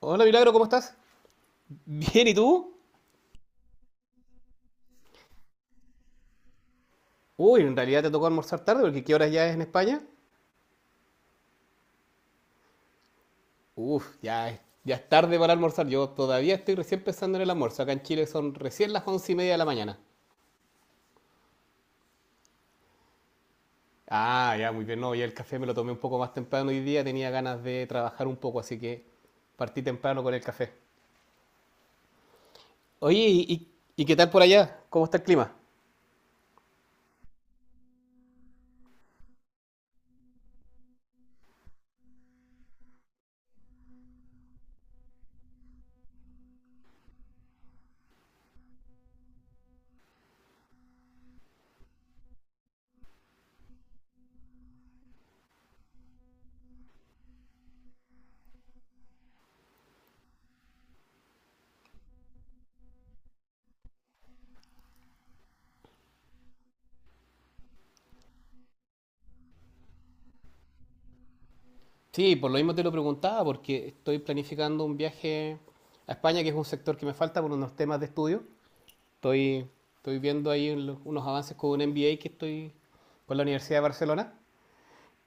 Hola Milagro, ¿cómo estás? Bien, ¿y tú? Uy, en realidad te tocó almorzar tarde porque ¿qué horas ya es en España? Uf, ya es tarde para almorzar. Yo todavía estoy recién pensando en el almuerzo. Acá en Chile son recién las 11:30 de la mañana. Ah, ya, muy bien. No, ya el café me lo tomé un poco más temprano hoy día. Tenía ganas de trabajar un poco, así que partí temprano con el café. Oye, ¿y qué tal por allá? ¿Cómo está el clima? Sí, por lo mismo te lo preguntaba, porque estoy planificando un viaje a España, que es un sector que me falta por unos temas de estudio. Estoy, estoy viendo ahí unos avances con un MBA que estoy con la Universidad de Barcelona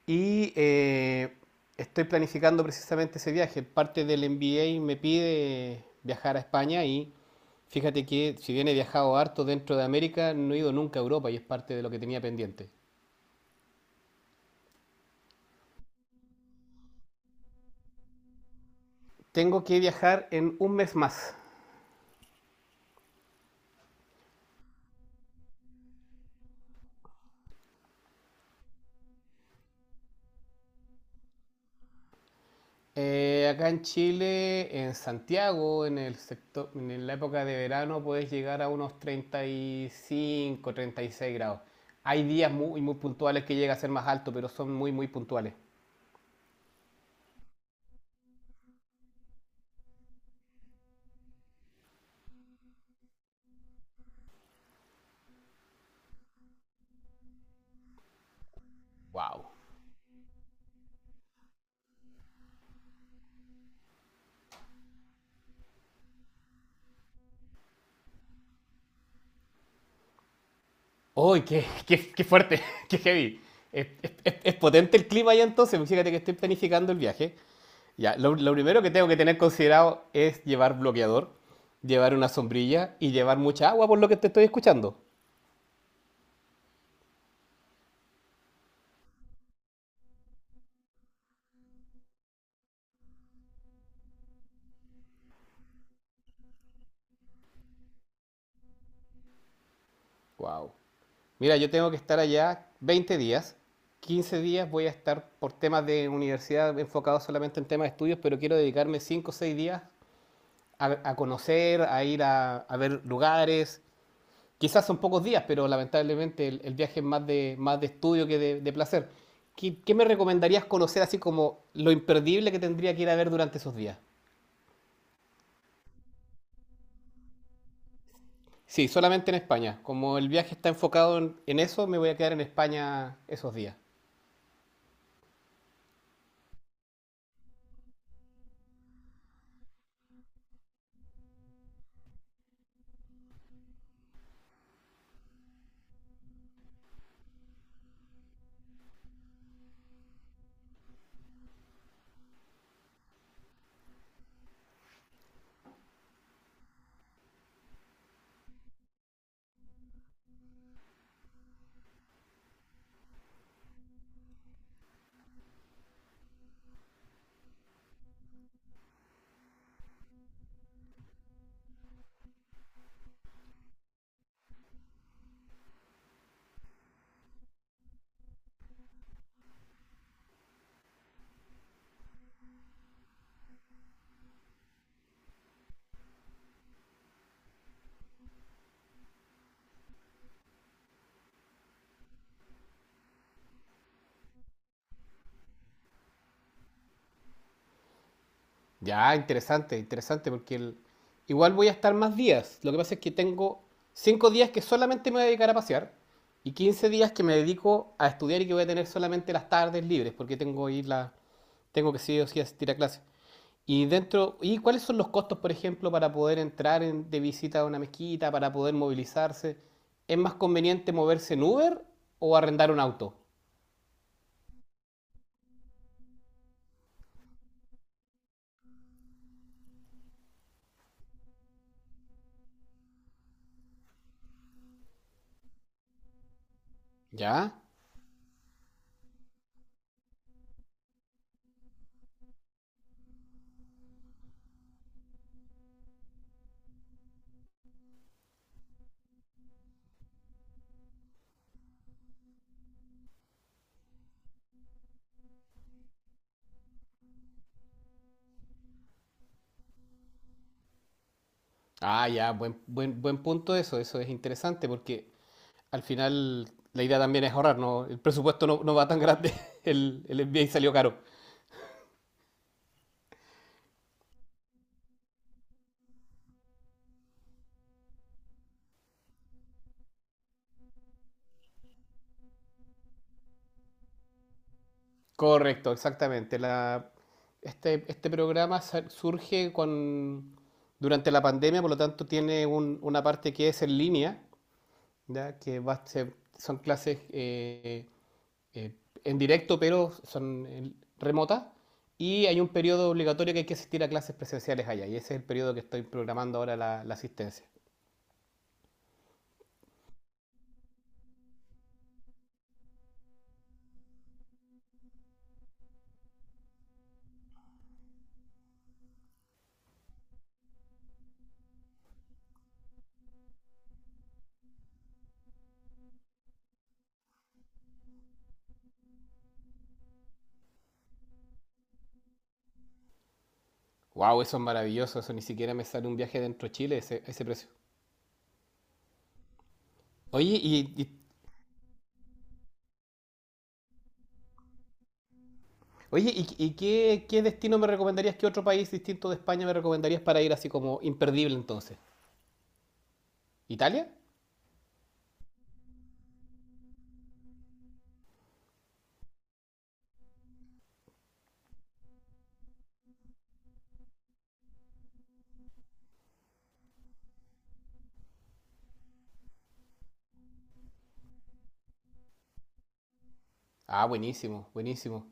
y estoy planificando precisamente ese viaje. Parte del MBA me pide viajar a España y fíjate que si bien he viajado harto dentro de América, no he ido nunca a Europa y es parte de lo que tenía pendiente. Tengo que viajar en un mes más. Acá en Chile, en Santiago, en el sector, en la época de verano, puedes llegar a unos 30, 35, 36 grados. Hay días muy, muy puntuales que llega a ser más alto, pero son muy, muy puntuales. ¡Wow! ¡Uy, qué, qué, qué fuerte! ¡Qué heavy! Es potente el clima allá entonces, porque fíjate que estoy planificando el viaje. Ya, lo primero que tengo que tener considerado es llevar bloqueador, llevar una sombrilla y llevar mucha agua, por lo que te estoy escuchando. ¡Wow! Mira, yo tengo que estar allá 20 días. 15 días voy a estar por temas de universidad enfocado solamente en temas de estudios, pero quiero dedicarme 5 o 6 días a conocer, a ir a ver lugares. Quizás son pocos días, pero lamentablemente el viaje es más de estudio que de placer. ¿Qué, qué me recomendarías conocer así como lo imperdible que tendría que ir a ver durante esos días? Sí, solamente en España. Como el viaje está enfocado en eso, me voy a quedar en España esos días. Ya, interesante, interesante, porque igual voy a estar más días. Lo que pasa es que tengo 5 días que solamente me voy a dedicar a pasear y 15 días que me dedico a estudiar y que voy a tener solamente las tardes libres, porque tengo ir la, tengo que sí o sí asistir a clases. Y dentro, ¿y cuáles son los costos, por ejemplo, para poder entrar en- de visita a una mezquita, para poder movilizarse? ¿Es más conveniente moverse en Uber o arrendar un auto? ¿Ya? Ah, ya, buen punto eso, eso es interesante porque al final la idea también es ahorrar, ¿no? El presupuesto no va tan grande, el MBA salió caro. Correcto, exactamente. Este programa surge con, durante la pandemia, por lo tanto tiene un- una parte que es en línea, ¿ya? que va a ser- son clases eh, en directo, pero son remotas. Y hay un periodo obligatorio que hay que asistir a clases presenciales allá, y ese es el periodo que estoy programando ahora la asistencia. Wow, eso es maravilloso. Eso ni siquiera me sale un viaje dentro de Chile ese, ese precio. Oye, oye, ¿y qué, qué destino me recomendarías? ¿Qué otro país distinto de España me recomendarías para ir así como imperdible entonces? ¿Italia? Ah, buenísimo, buenísimo.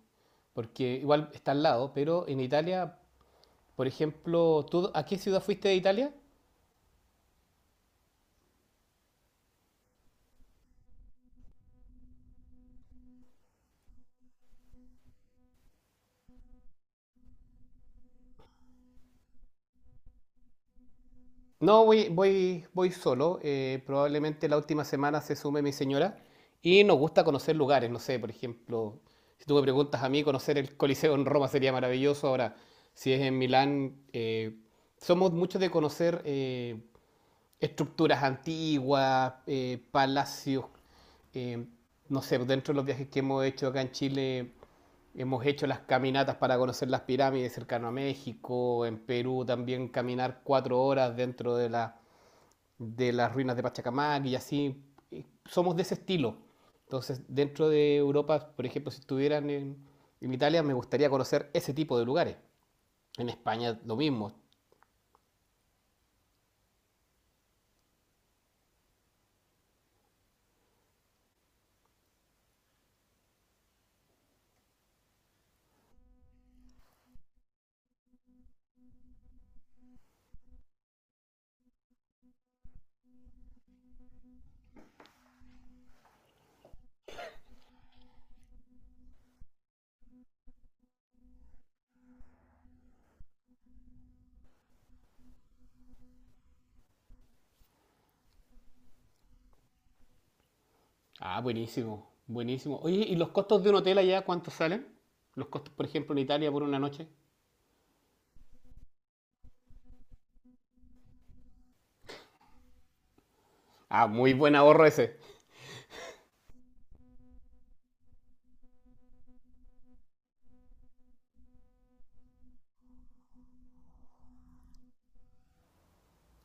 Porque igual está al lado, pero en Italia, por ejemplo, ¿tú a qué ciudad fuiste de Italia? No, voy solo. Probablemente la última semana se sume mi señora. Y nos gusta conocer lugares. No sé, por ejemplo, si tú me preguntas a mí, conocer el Coliseo en Roma sería maravilloso. Ahora, si es en Milán, somos muchos de conocer estructuras antiguas, palacios, eh, no sé, dentro de los viajes que hemos hecho acá en Chile, hemos hecho las caminatas para conocer las pirámides cercano a México, en Perú también caminar 4 horas dentro de de las ruinas de Pachacamac y así, somos de ese estilo. Entonces, dentro de Europa, por ejemplo, si estuvieran en Italia, me gustaría conocer ese tipo de lugares. En España lo mismo. Ah, buenísimo, buenísimo. Oye, ¿y los costos de un hotel allá cuántos salen? Los costos, por ejemplo, en Italia por una noche. Ah, muy buen ahorro ese.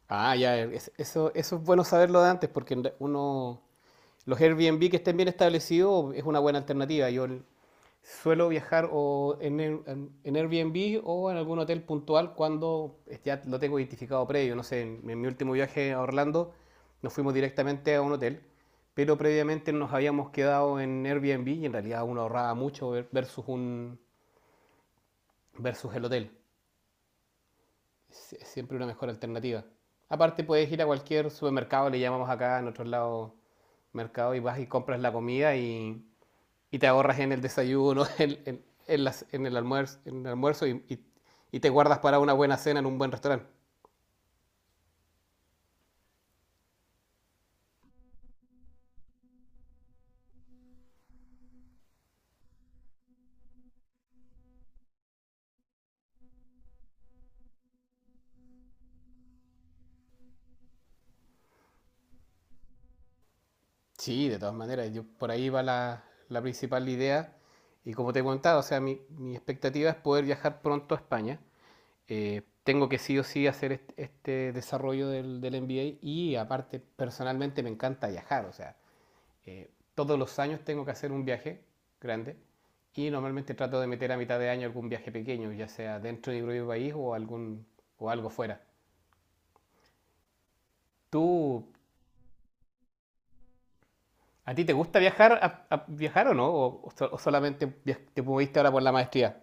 Ah, ya, eso, eso es bueno saberlo de antes porque en re- uno, los Airbnb que estén bien establecidos es una buena alternativa. Yo suelo viajar o en Airbnb o en algún hotel puntual cuando ya lo tengo identificado previo. No sé, en mi último viaje a Orlando nos fuimos directamente a un hotel, pero previamente nos habíamos quedado en Airbnb y en realidad uno ahorraba mucho versus, un, versus el hotel. Es siempre una mejor alternativa. Aparte puedes ir a cualquier supermercado, le llamamos acá en otros lados mercado y vas y compras la comida y te ahorras en el desayuno, en el almuerzo y te guardas para una buena cena en un buen restaurante. Sí, de todas maneras, yo, por ahí va la principal idea. Y como te he contado, o sea, mi expectativa es poder viajar pronto a España. Tengo que sí o sí hacer este, desarrollo del MBA y aparte, personalmente me encanta viajar, o sea, todos los años tengo que hacer un viaje grande y normalmente trato de meter a mitad de año algún viaje pequeño, ya sea dentro de mi propio país o, algún, o algo fuera. ¿Tú, a ti te gusta viajar, viajar o no? ¿O, solamente te moviste ahora por la maestría?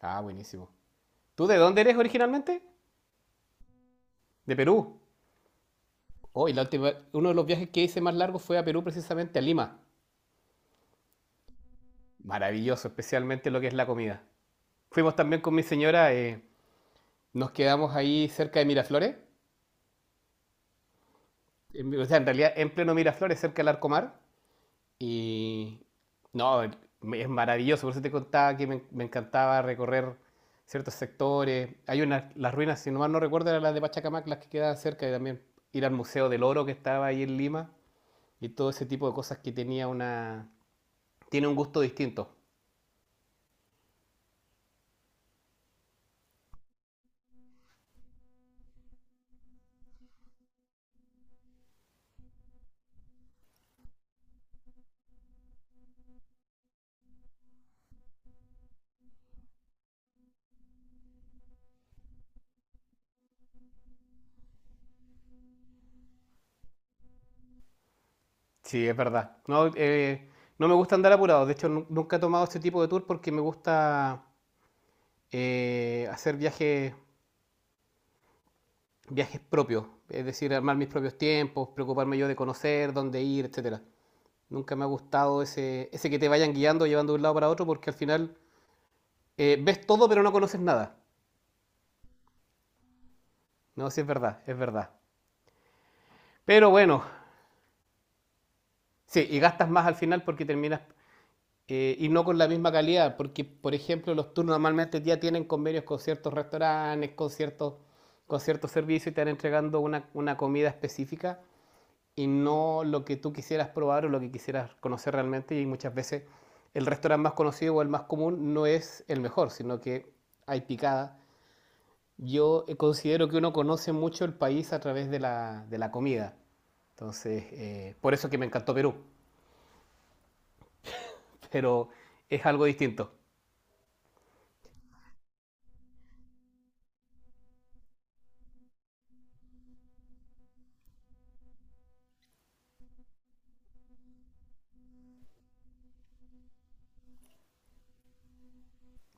Ah, buenísimo. ¿Tú de dónde eres originalmente? De Perú. Oh, y la última, uno de los viajes que hice más largo fue a Perú, precisamente a Lima. Maravilloso, especialmente lo que es la comida. Fuimos también con mi señora, nos quedamos ahí cerca de Miraflores. En, o sea, en realidad, en pleno Miraflores, cerca del Arcomar. Y no, es maravilloso. Por eso te contaba que me encantaba recorrer ciertos sectores. Hay unas, las ruinas, si no mal no recuerdo, eran las de Pachacamac, las que quedaban cerca. Y también ir al Museo del Oro que estaba ahí en Lima. Y todo ese tipo de cosas que tenía una... Tiene un gusto distinto. Sí, es verdad. No, no me gusta andar apurado. De hecho, nu- nunca he tomado este tipo de tour porque me gusta hacer viajes propios, es decir, armar mis propios tiempos, preocuparme yo de conocer, dónde ir, etcétera. Nunca me ha gustado ese que te vayan guiando, llevando de un lado para otro, porque al final ves todo pero no conoces nada. No, sí es verdad, es verdad. Pero bueno, sí, y gastas más al final porque terminas y no con la misma calidad, porque por ejemplo los tours normalmente ya tienen convenios con ciertos restaurantes, con ciertos servicios y te van entregando una comida específica y no lo que tú quisieras probar o lo que quisieras conocer realmente. Y muchas veces el restaurante más conocido o el más común no es el mejor, sino que hay picada. Yo considero que uno conoce mucho el país a través de de la comida. Entonces, por eso que me encantó Perú, pero es algo distinto.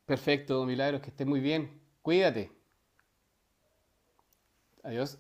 Perfecto, Milagros, que estés muy bien. Cuídate. Adiós.